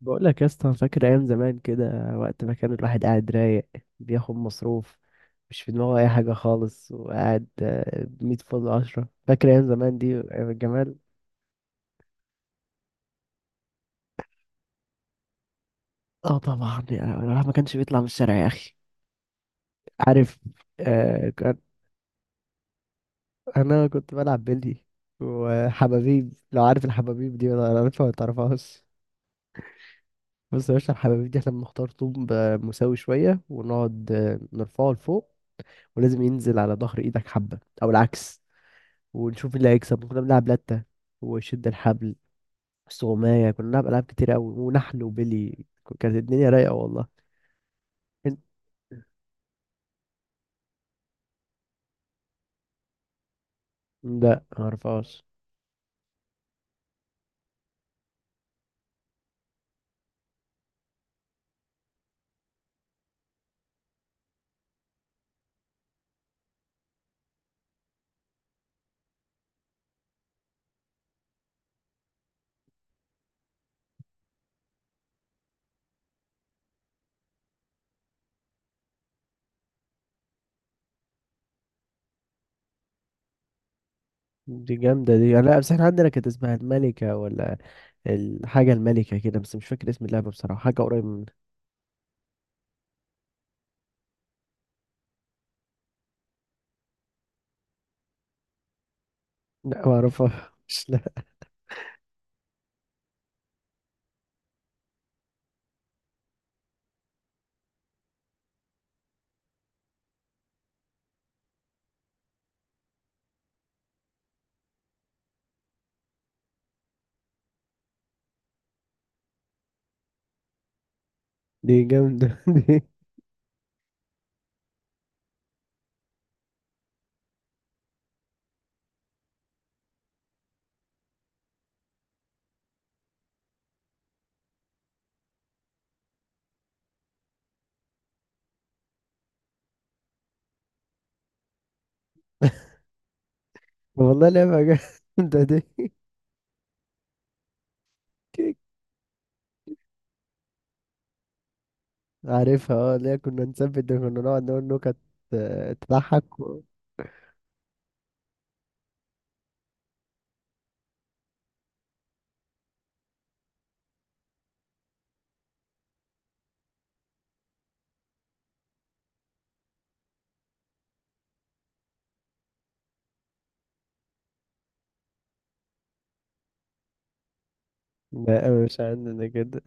بقول لك يا اسطى، أنا فاكر ايام زمان كده، وقت ما كان الواحد قاعد رايق، بياخد مصروف، مش في دماغه اي حاجه خالص، وقاعد مية فل عشرة. فاكر ايام زمان دي، ايام الجمال. اه طبعا يعني الواحد ما كانش بيطلع من الشارع يا اخي. عارف. كان. انا كنت بلعب بلي وحبابيب. لو عارف الحبابيب دي ولا عارفها ولا تعرفهاش؟ بص يا باشا، الحبابيب دي احنا بنختار طوب مساوي شويه، ونقعد نرفعه لفوق، ولازم ينزل على ظهر ايدك حبه او العكس، ونشوف اللي هيكسب. كنا بنلعب لتة وشد الحبل، استغماية، كنا بنلعب ألعاب كتير أوي، ونحل وبيلي. كانت الدنيا رايقة والله. انت. لا معرفهاش. دي جامدة دي. لا بس احنا عندنا كانت اسمها الملكة، ولا الحاجة الملكة كده، بس مش فاكر اسم اللعبة بصراحة، حاجة قريبة من. لا معرفهاش. لا. دي جامدة دي. والله لعبة جامدة دي. عارفها. اه اللي هي كنا نثبت ده، كنا نقعد نقول نكت، تضحك لا، مش عندنا كده.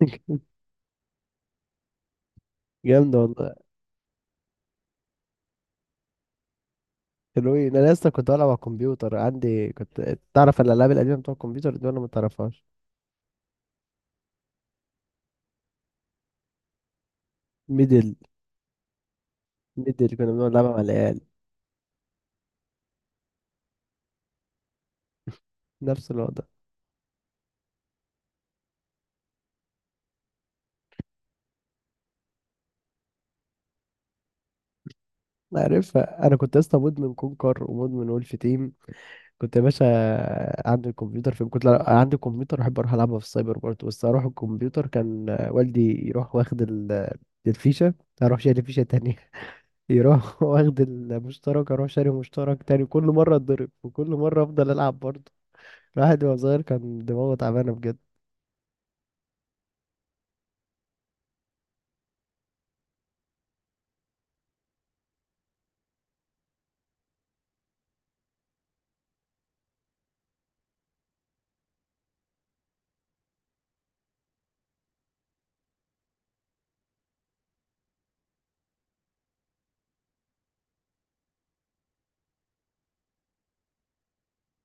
جامد والله. الوي، انا لسه كنت بلعب على الكمبيوتر عندي. كنت تعرف الالعاب القديمه بتوع الكمبيوتر دي ولا ما تعرفش؟ ميدل. كنا بنقعد نلعبها مع العيال، نفس الوضع. أنا عارفها، انا كنت لسه مدمن كونكر ومدمن ولف تيم، كنت يا باشا عندي الكمبيوتر في. كنت لا- عندي الكمبيوتر احب اروح العبها في السايبر برضه، بس اروح الكمبيوتر كان والدي يروح واخد الفيشه، اروح شاري فيشه تانية. يروح واخد المشترك، اروح شاري مشترك تاني. كل مره اتضرب، وكل مره افضل العب برضه. الواحد وهو صغير كان دماغه تعبانة بجد.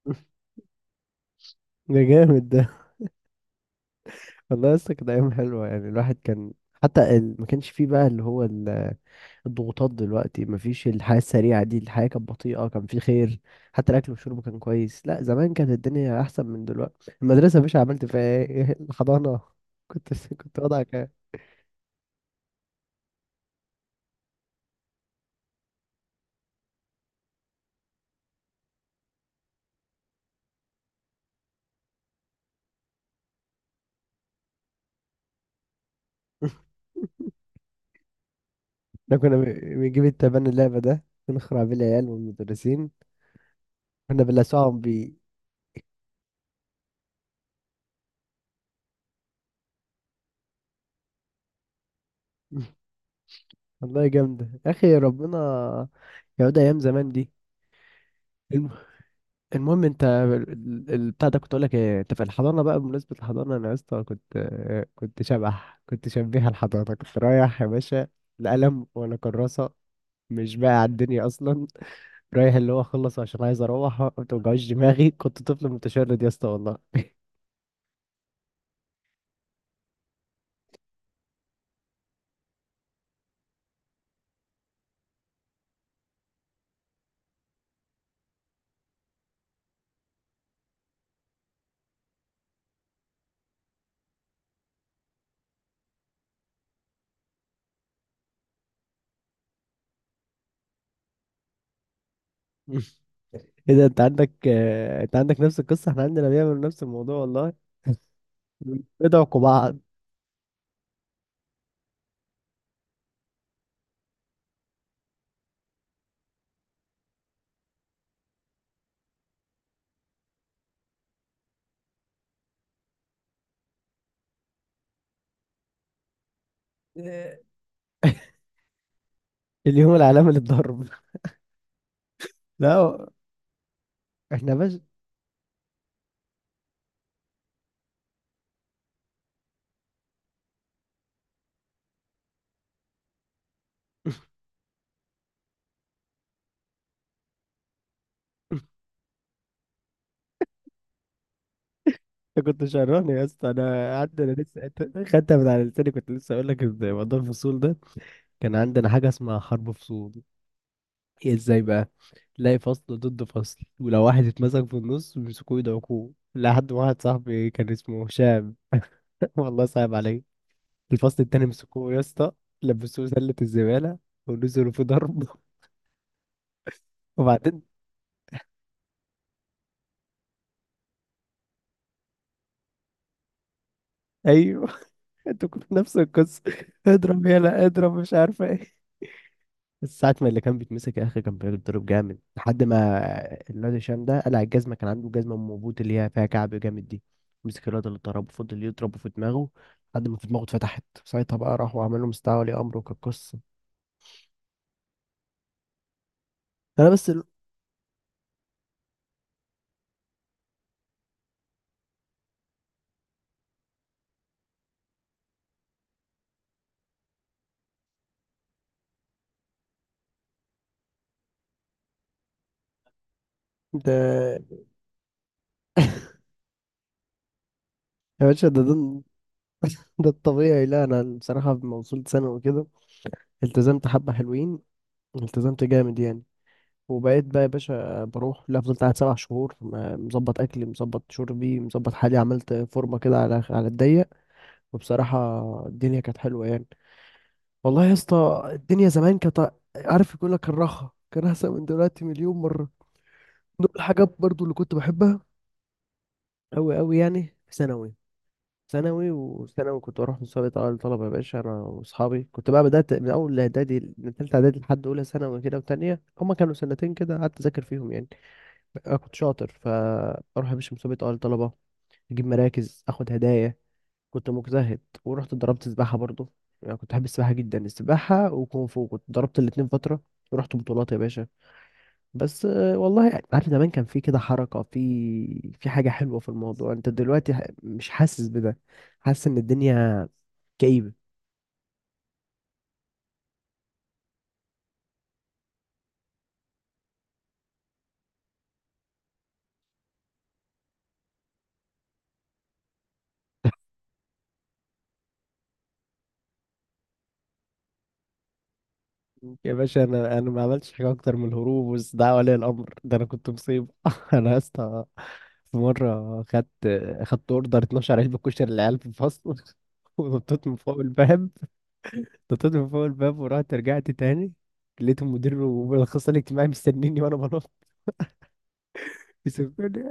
ده جامد ده. والله لسه كانت أيام حلوة يعني. الواحد كان حتى ما كانش فيه بقى اللي هو الضغوطات دلوقتي، ما فيش الحياة السريعة دي، الحياة كانت بطيئة، كان فيه خير. حتى الأكل والشرب كان كويس. لا، زمان كانت الدنيا أحسن من دلوقتي. المدرسة مش عملت فيها إيه؟ الحضانة. كنت وضعك إيه؟ احنا كنا بنجيب التبني اللعبة ده، ونخرع بيه العيال والمدرسين، كنا بنلسعهم بيه. والله جامدة يا أخي. ربنا يعود أيام زمان دي. الم- المهم أنت بتاع ده، كنت أقول لك إيه؟ أنت في الحضانة بقى، بمناسبة الحضانة أنا يا اسطى كنت شبح، كنت شبيه الحضانة، كنت رايح يا باشا القلم وأنا كراسة، مش بقى على الدنيا أصلا. رايح اللي هو أخلص عشان عايز أروح، ما توجعوش دماغي. كنت طفل متشرد يا اسطى والله. إيه ده، أنت عندك آه، أنت عندك نفس القصة، إحنا عندنا بيعملوا نفس الموضوع والله، بندعكوا بعض. اليوم العالمي للضرب. لا هو- احنا بس. انت كنت شراني يا اسطى، انا عندنا لسه انت خدتها من على لساني، كنت لسه اقول لك إن موضوع الفصول ده، كان عندنا حاجه اسمها حرب فصول. هي ازاي بقى؟ تلاقي فصل ضد فصل، ولو واحد اتمسك في النص بيمسكوه يدعكوه، لحد ما واحد صاحبي كان اسمه هشام. والله صعب عليه، الفصل التاني مسكوه يا اسطى، لبسوه سله الزباله ونزلوا في ضرب. وبعدين. ايوه. انتوا كنتوا نفس القصه، اضرب يلا اضرب، مش عارفه إيه. ساعة ما اللي كان بيتمسك يا اخي كان بيتضرب جامد، لحد ما الواد هشام ده قلع الجزمة، كان عنده جزمة ام بوت اللي هي فيها كعب جامد دي، مسك الواد اللي ضربه فضل يضربه في دماغه لحد ما في دماغه اتفتحت. ساعتها بقى راح وعمل له مستدعى ولي امر، وكانت قصة. انا بس ده. يا باشا ده الطبيعي. لا انا بصراحة لما وصلت ثانوي وكده، التزمت حبة حلوين، التزمت جامد يعني، وبقيت بقى يا باشا بروح. لا فضلت قاعد سبع شهور، مظبط اكلي، مظبط شربي، مظبط حالي، عملت فورمه كده على الضيق. وبصراحة الدنيا كانت حلوة يعني. والله يا اسطى الدنيا زمان كانت، عارف يقول لك، الرخا كان أحسن من دلوقتي مليون مرة. من ضمن الحاجات برضو اللي كنت بحبها أوي أوي يعني في ثانوي، ثانوي وثانوي كنت بروح مسابقة أوائل الطلبة يا باشا أنا وأصحابي. كنت بقى بدأت من أول إعدادي، من تالتة إعدادي لحد أولى ثانوي كده وتانية، هما كانوا سنتين كده قعدت أذاكر فيهم يعني. أنا كنت شاطر، فأروح يا باشا مسابقة أوائل الطلبة، أجيب مراكز، أخد هدايا، كنت مجتهد. ورحت ضربت سباحة برضو، يعني كنت بحب السباحة جدا. السباحة وكونغ فو، كنت ضربت الاتنين فترة، ورحت بطولات يا باشا. بس والله يعني عارف، زمان كان في كده حركة، في حاجة حلوة في الموضوع. انت دلوقتي مش حاسس بده، حاسس ان الدنيا كئيبة. يا باشا انا ما عملتش حاجة اكتر من الهروب، بس ده ولي الامر ده انا كنت مصيب. انا يا اسطى في مرة خدت، اوردر 12 علبة كشري للعيال في الفصل. ونطيت من فوق الباب، ورحت رجعت تاني، لقيت المدير والاخصائي الاجتماعي مستنيني وانا بنط. يسيبوني،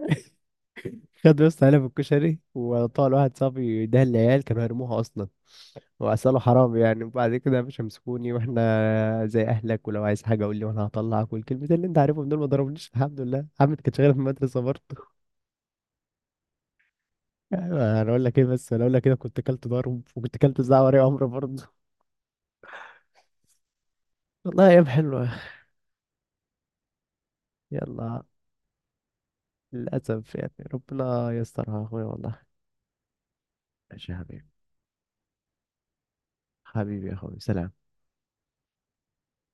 خد بس علب الكشري وطال واحد صاحبي ده، العيال كانوا هيرموها اصلا، وعساله حرام يعني. وبعد كده مش همسكوني، واحنا زي اهلك، ولو عايز حاجه قول لي وانا هطلعك، والكلمتين اللي انت عارفهم دول. ما ضربنيش الحمد لله، عمت كانت شغاله في المدرسه برضه. أيوة، انا اقول لك ايه، بس انا اقول لك كده، كنت كلت ضرب، وكنت كلت زعوة وري امر برضه. والله ايام حلوه. يلا للاسف يعني، ربنا يسترها يا اخويا والله. ماشي يا حبيبي. حبيبي يا اخوي، سلام.